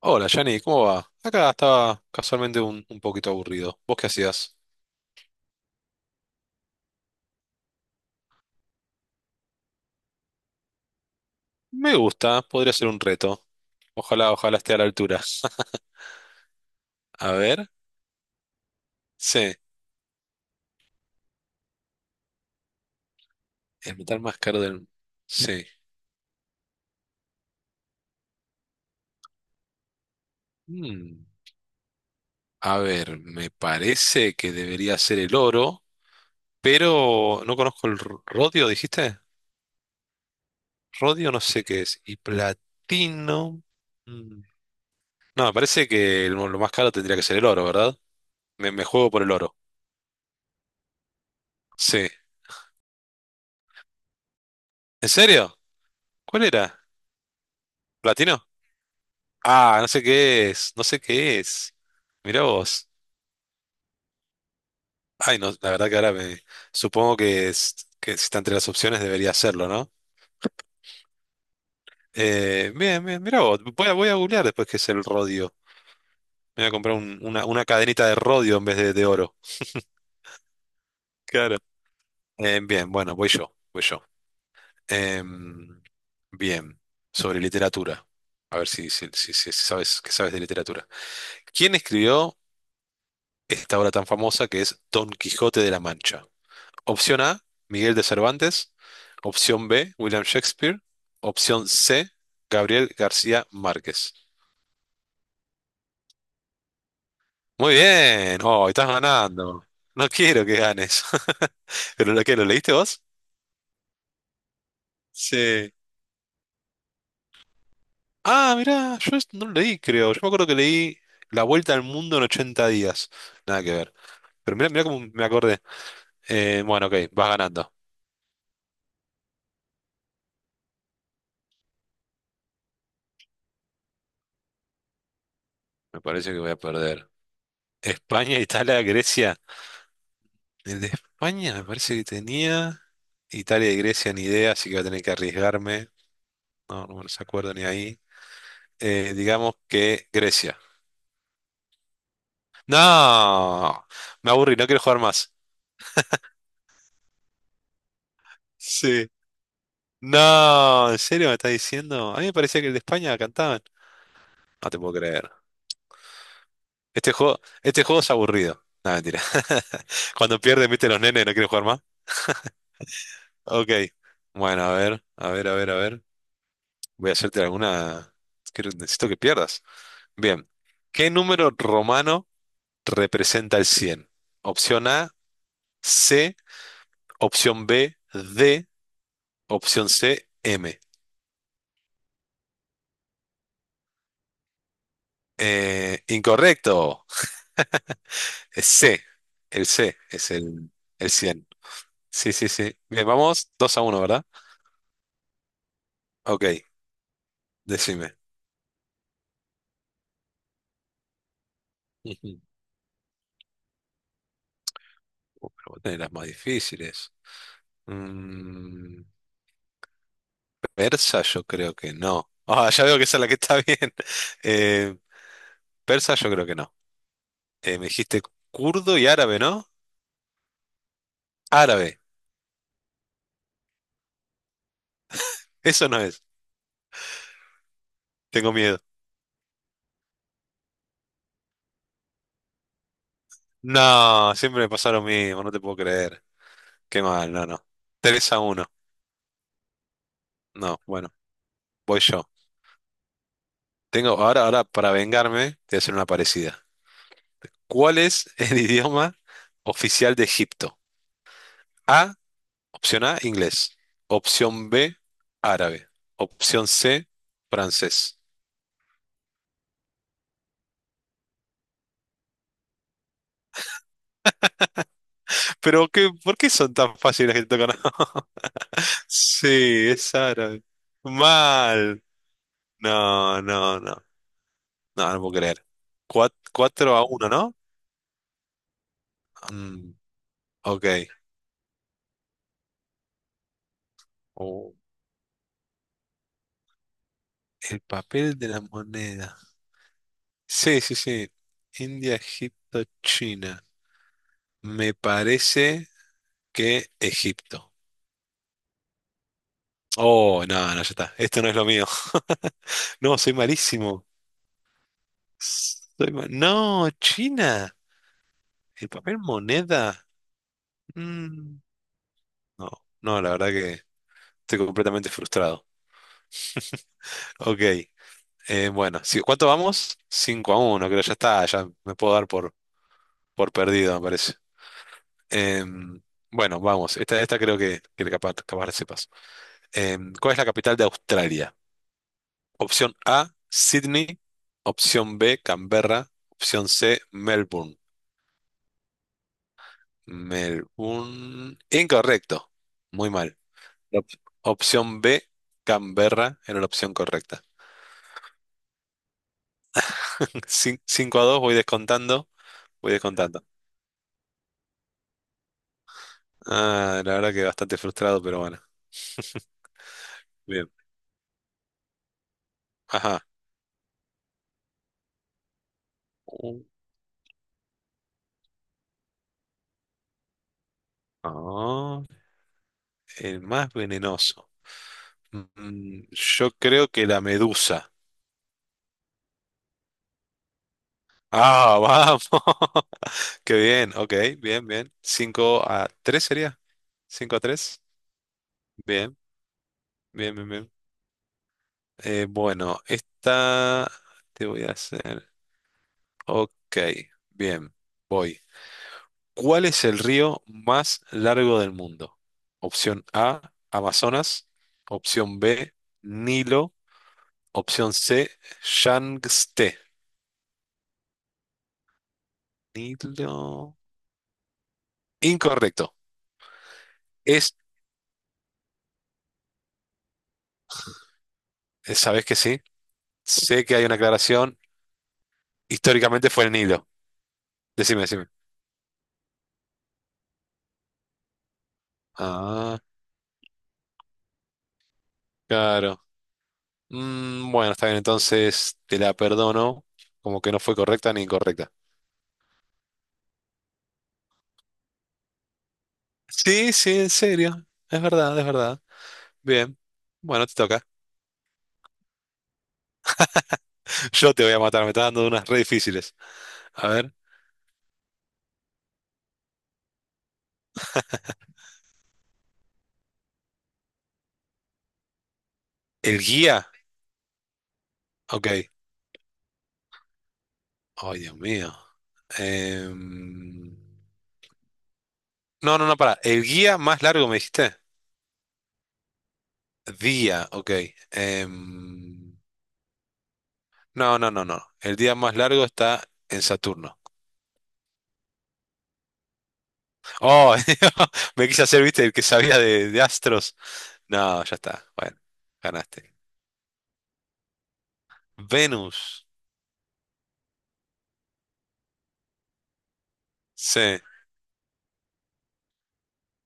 Hola, Yanni, ¿cómo va? Acá estaba casualmente un poquito aburrido. ¿Vos qué hacías? Me gusta, podría ser un reto. Ojalá esté a la altura. A ver, sí, el metal más caro del... Sí. Mm, A ver, me parece que debería ser el oro, pero no conozco el rodio, ¿dijiste? Rodio no sé qué es. Y platino... mm, no, me parece que el lo más caro tendría que ser el oro, ¿verdad? Me juego por el oro. Sí. ¿En serio? ¿Cuál era? ¿Platino? Ah, no sé qué es, no sé qué es. Mirá vos. Ay, no, la verdad que ahora me supongo que, que si está entre las opciones debería hacerlo, ¿no? Bien, bien, mirá vos. Voy a googlear después qué es el rodio. Me voy a comprar una cadenita de rodio en vez de oro. Claro. Bien, bueno, voy yo, voy yo. Em, bien, sobre literatura. A ver si sabes, qué sabes de literatura. ¿Quién escribió esta obra tan famosa que es Don Quijote de la Mancha? Opción A, Miguel de Cervantes. Opción B, William Shakespeare. Opción C, Gabriel García Márquez. Muy bien. Oh, estás ganando. No quiero que ganes. ¿Pero lo que lo leíste vos? Sí. Ah, mirá, yo esto no lo leí, creo. Yo me acuerdo que leí La Vuelta al Mundo en 80 días. Nada que ver. Pero mirá, mirá cómo me acordé. Bueno, ok, vas ganando. Me parece que voy a perder. España, Italia, Grecia. El de España me parece que tenía. Italia y Grecia ni idea, así que voy a tener que arriesgarme. No, no me los acuerdo ni ahí. Digamos que Grecia. No, me aburrí, no quiero jugar más. Sí. No, ¿en serio me estás diciendo? A mí me parecía que el de España cantaban. No te puedo creer. Este juego es aburrido. No, mentira. Cuando pierdes, viste los nenes, no quieren jugar más. Ok. Bueno, a ver, a ver, a ver, a ver. Voy a hacerte alguna. Quiero- necesito que pierdas. Bien. ¿Qué número romano representa el 100? Opción A, C. Opción B, D. Opción C, M. Incorrecto. Es C. El C es el 100. Sí, sí, sí. Bien, vamos 2 a uno, ¿verdad? Ok, decime. Ujú. Pero vos tenés las más difíciles. Mm, persa yo creo que no. Ah, ya veo que esa es la que está bien. Eh, persa yo creo que no. Me dijiste kurdo y árabe, ¿no? Árabe. Eso no es. Tengo miedo. No, siempre me pasa lo mismo, no te puedo creer. Qué mal, no, no. 3 a uno. No, bueno, voy yo. Tengo, ahora, para vengarme, te voy a hacer una parecida. ¿Cuál es el idioma oficial de Egipto? A, opción A, inglés. Opción B, árabe. Opción C, francés. Pero qué, ¿por qué son tan fáciles que te tocan? Sí, es árabe. Mal. No, no, no. No, no puedo creer. ¿Cuatro a uno, no? Mm, ok. Oh, el papel de la moneda. Sí, sí, sí. India, Egipto, China. Me parece que Egipto. Oh, no, no, ya está. Esto no es lo mío. No, soy malísimo. No, China. El papel moneda. Mm, no, no, la verdad que estoy completamente frustrado. Ok. Bueno, sí, ¿cuánto vamos? 5 a uno, creo, ya está, ya me puedo dar por perdido, me parece. Em, bueno, vamos, esta creo que capaz la sepas. ¿Cuál es la capital de Australia? Opción A, Sydney. Opción B, Canberra. Opción C, Melbourne. Melbourne. Incorrecto, muy mal. Op- Opción B, Canberra, era la opción correcta. 5 a 2, voy descontando, voy descontando. Ah, la verdad que bastante frustrado, pero bueno. Bien. Ajá. Uh, ah, el más venenoso. Mm, yo creo que la medusa. Ah, vamos. Qué bien. Ok, bien, bien. Cinco a 3 sería. Cinco a tres. Bien, bien, bien, bien. Bueno, esta te voy a hacer. Ok, bien. Voy. ¿Cuál es el río más largo del mundo? Opción A, Amazonas. Opción B, Nilo. Opción C, Yangtze. Nilo. Incorrecto. Es, ¿Sabes que sí? Sé que hay una aclaración. Históricamente fue el Nilo. Decime, decime. Ah, claro. Bueno, está bien, entonces te la perdono. Como que no fue correcta ni incorrecta. Sí, sí, en serio. Es verdad, es verdad. Bien. Bueno, te toca. Yo te voy a matar, me está dando unas re difíciles. A ver. ¿El guía? Ok. Ay, Dios mío. Em, No, no, no, para. ¿El guía más largo me dijiste? Día, ok. Em, no, no, no, no. El día más largo está en Saturno. Oh, me quise hacer, viste, el que sabía de astros. No, ya está. Bueno, ganaste. Venus. Sí.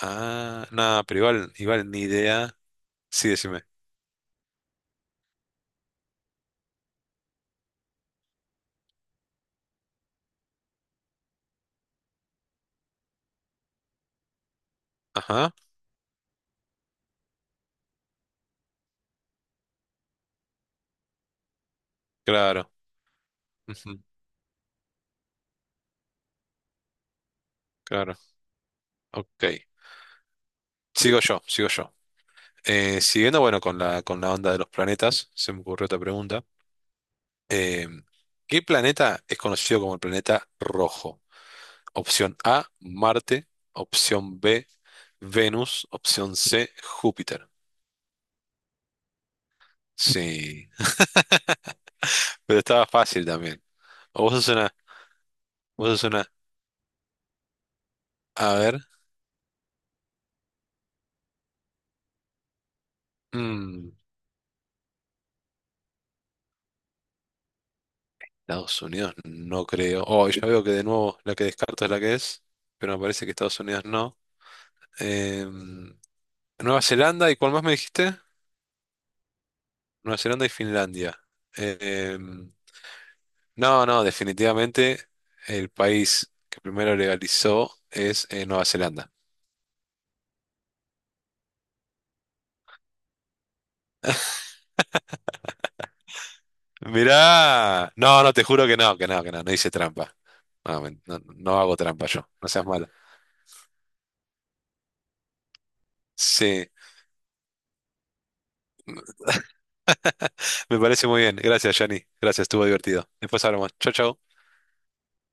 Ah, no, pero igual, igual ni idea. Sí, decime. Ajá, claro. Ujú, claro. Ok. Sigo yo, sigo yo. Siguiendo, bueno, con la onda de los planetas, se me ocurrió otra pregunta. Eh, ¿Qué planeta es conocido como el planeta rojo? Opción A, Marte. Opción B, Venus. Opción C, Júpiter. Sí, pero estaba fácil también. O vos sos una, a ver, mm, Estados Unidos no creo. Oh, ya veo que de nuevo la que descarto es la que es, pero me parece que Estados Unidos no. Em, Nueva Zelanda, ¿y cuál más me dijiste? Nueva Zelanda y Finlandia. Em, No, no, definitivamente el país que primero legalizó es Nueva Zelanda. Mirá, no, no, te juro que no, que no, que no, no hice trampa. No, no hago trampa yo, no seas malo. Sí, me parece muy bien. Gracias, Yanni. Gracias, estuvo divertido. Después hablamos. Chau, chau.